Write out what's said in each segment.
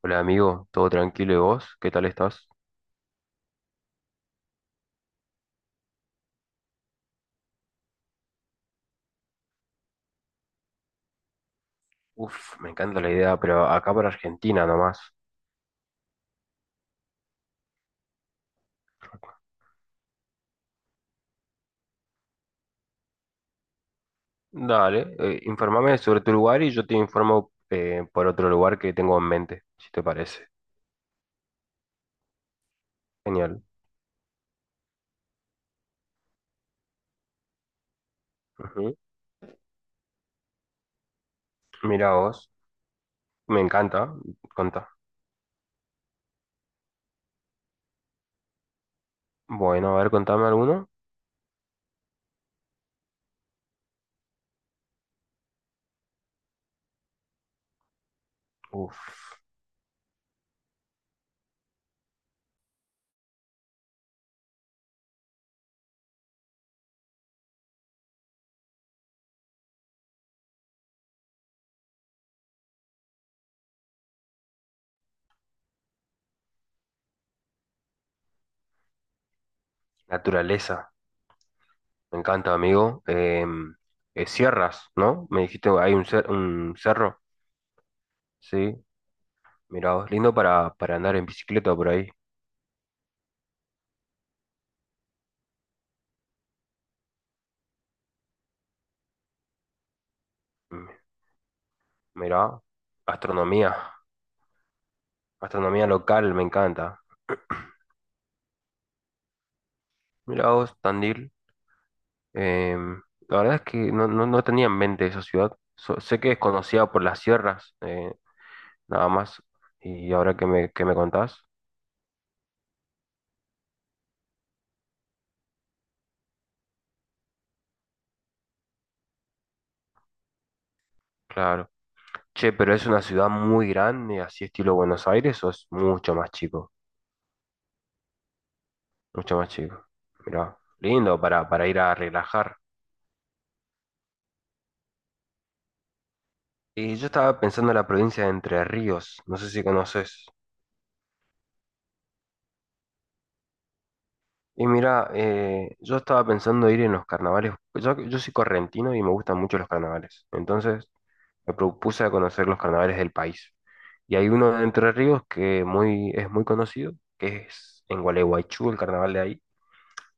Hola amigo, ¿todo tranquilo y vos? ¿Qué tal estás? Uf, me encanta la idea, pero acá para Argentina nomás. Dale, informame sobre tu lugar y yo te informo por otro lugar que tengo en mente, si te parece. Genial. Ujú. Mira vos, me encanta. Contá. Bueno, a ver, contame alguno. Uf, naturaleza, me encanta amigo. Sierras, ¿no? Me dijiste, hay un cerro. Sí, mira vos, lindo para andar en bicicleta por ahí. Mirá, gastronomía, gastronomía local, me encanta. Mirá vos, Tandil. em, la verdad es que no tenía en mente esa ciudad. Sé que es conocida por las sierras, nada más. Y que me contás, claro. Che, pero ¿es una ciudad muy grande, así estilo Buenos Aires, o es mucho más chico? Mucho más chico. Mirá, lindo para ir a relajar. Y yo estaba pensando en la provincia de Entre Ríos, no sé si conoces. Y mira, yo estaba pensando ir en los carnavales. Yo soy correntino y me gustan mucho los carnavales. Entonces me propuse a conocer los carnavales del país. Y hay uno de Entre Ríos que es muy conocido, que es en Gualeguaychú, el carnaval de ahí.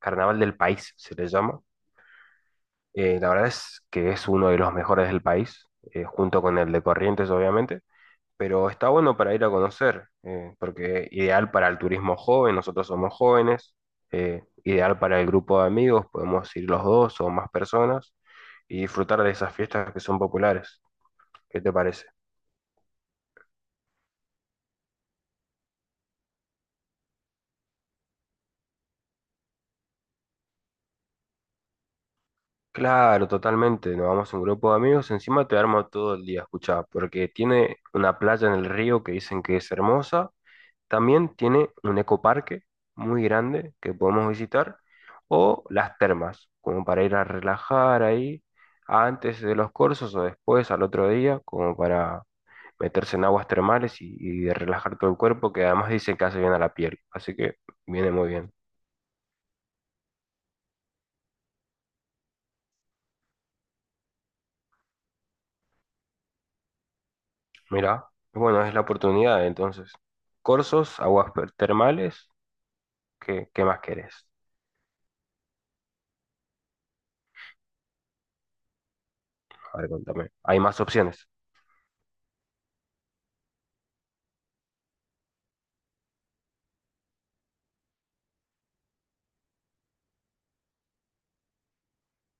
Carnaval del país se le llama. La verdad es que es uno de los mejores del país, junto con el de Corrientes, obviamente, pero está bueno para ir a conocer, porque ideal para el turismo joven, nosotros somos jóvenes, ideal para el grupo de amigos, podemos ir los dos o más personas y disfrutar de esas fiestas que son populares. ¿Qué te parece? Claro, totalmente, nos vamos a un grupo de amigos, encima te armo todo el día, escuchá, porque tiene una playa en el río que dicen que es hermosa. También tiene un ecoparque muy grande que podemos visitar, o las termas, como para ir a relajar ahí antes de los cursos o después al otro día, como para meterse en aguas termales y de relajar todo el cuerpo, que además dicen que hace bien a la piel, así que viene muy bien. Mirá, bueno, es la oportunidad entonces. Cursos, termales, qué más querés? A ver, contame. Hay más opciones.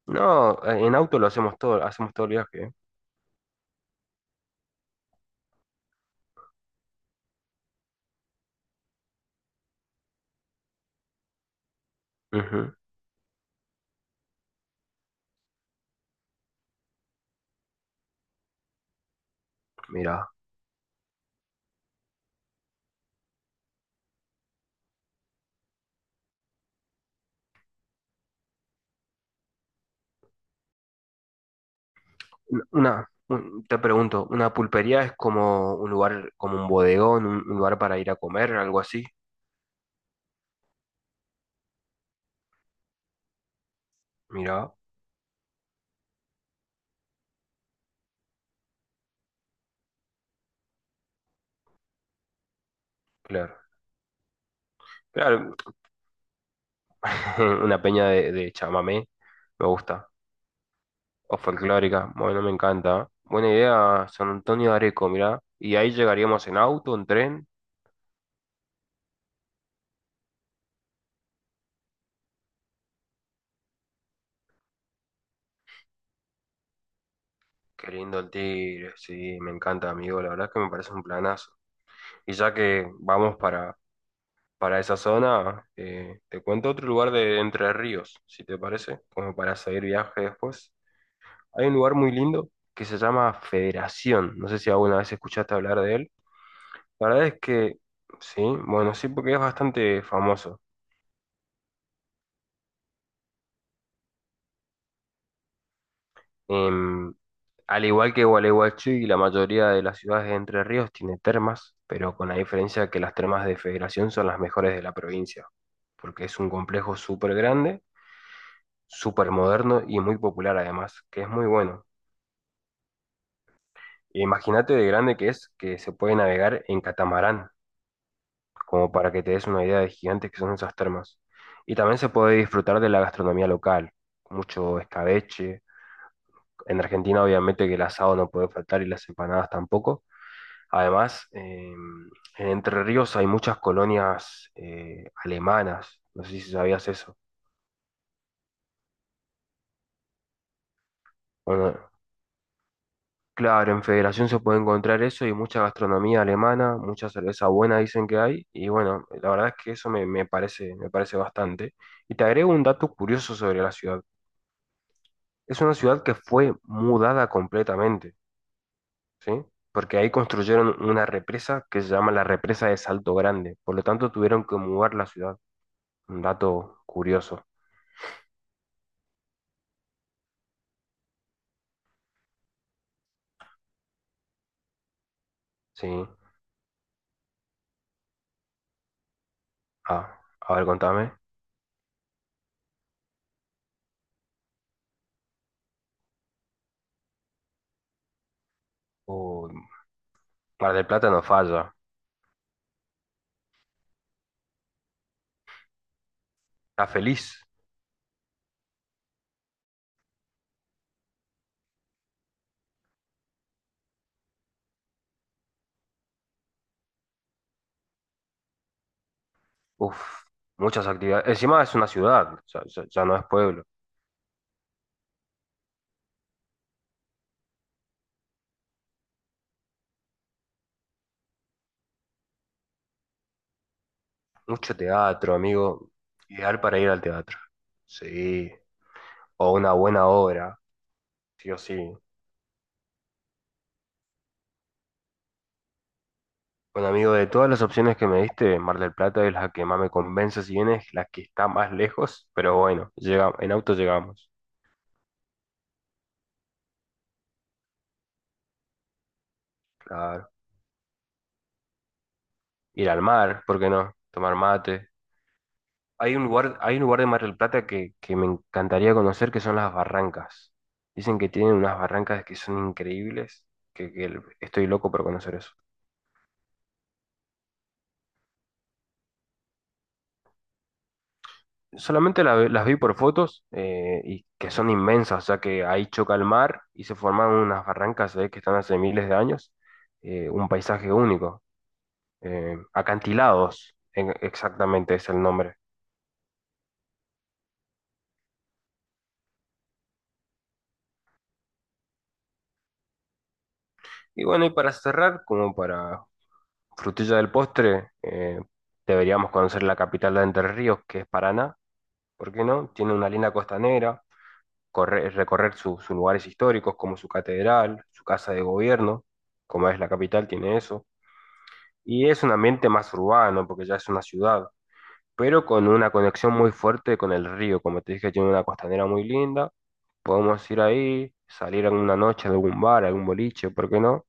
No, en auto lo hacemos todo el viaje, ¿eh? Ujú. Mirá. Te pregunto, ¿una pulpería es como un lugar, como un bodegón, un lugar para ir a comer, algo así? Mira, claro. Claro, una peña de chamamé, me gusta. O folclórica, bueno, me encanta. Buena idea, San Antonio de Areco, mirá. Y ahí llegaríamos en auto, en tren. Qué lindo el Tigre, sí, me encanta, amigo. La verdad es que me parece un planazo. Y ya que vamos para esa zona, te cuento otro lugar de Entre Ríos, si te parece, como para seguir viaje después. Hay un lugar muy lindo que se llama Federación. No sé si alguna vez escuchaste hablar de él. La verdad es que sí, bueno, sí, porque es bastante famoso. Em, al igual que Gualeguaychú y la mayoría de las ciudades de Entre Ríos tiene termas, pero con la diferencia que las termas de Federación son las mejores de la provincia, porque es un complejo súper grande, súper moderno y muy popular además, que es muy bueno. Imagínate de grande que es, que se puede navegar en catamarán, como para que te des una idea de gigantes que son esas termas. Y también se puede disfrutar de la gastronomía local, mucho escabeche. En Argentina obviamente que el asado no puede faltar y las empanadas tampoco. Además, en Entre Ríos hay muchas colonias alemanas, no sé si sabías eso. Bueno, claro, en Federación se puede encontrar eso y mucha gastronomía alemana, mucha cerveza buena dicen que hay, y bueno, la verdad es que eso me parece bastante. Y te agrego un dato curioso sobre la ciudad. Es una ciudad que fue mudada completamente, ¿sí? Porque ahí construyeron una represa que se llama la represa de Salto Grande, por lo tanto tuvieron que mudar la ciudad. Un dato curioso, ¿sí? Ah, a ver, contame. Uy, Mar del Plata no falla. Está feliz. Uf, muchas actividades. Encima es una ciudad, o sea, ya no es pueblo. Mucho teatro, amigo. Ideal para ir al teatro. Sí. O una buena obra, sí o sí. Bueno, amigo, de todas las opciones que me diste, Mar del Plata es la que más me convence, si bien es la que está más lejos, pero bueno, llega, en auto llegamos. Claro. Ir al mar, ¿por qué no? Tomar mate. Hay un lugar de Mar del Plata que me encantaría conocer, que son las Barrancas. Dicen que tienen unas barrancas que son increíbles, estoy loco por conocer eso. Solamente las vi por fotos y que son inmensas, o sea que ahí choca el mar y se forman unas barrancas que están hace miles de años, un paisaje único. Acantilados, exactamente es el nombre. Y bueno, y para cerrar, como para frutilla del postre, deberíamos conocer la capital de Entre Ríos, que es Paraná, ¿por qué no? Tiene una linda costanera, recorrer sus lugares históricos como su catedral, su casa de gobierno, como es la capital, tiene eso. Y es un ambiente más urbano, porque ya es una ciudad, pero con una conexión muy fuerte con el río, como te dije, tiene una costanera muy linda, podemos ir ahí, salir alguna noche de algún bar, a algún boliche, ¿por qué no?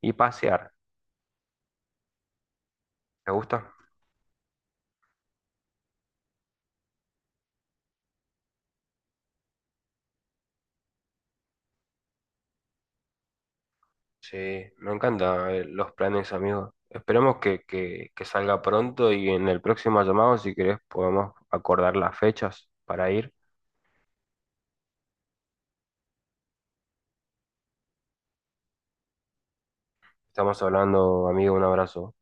Y pasear, ¿te gusta? Sí, me encantan los planes, amigo. Esperemos que salga pronto y en el próximo llamado, si querés, podemos acordar las fechas para ir. Estamos hablando, amigo, un abrazo.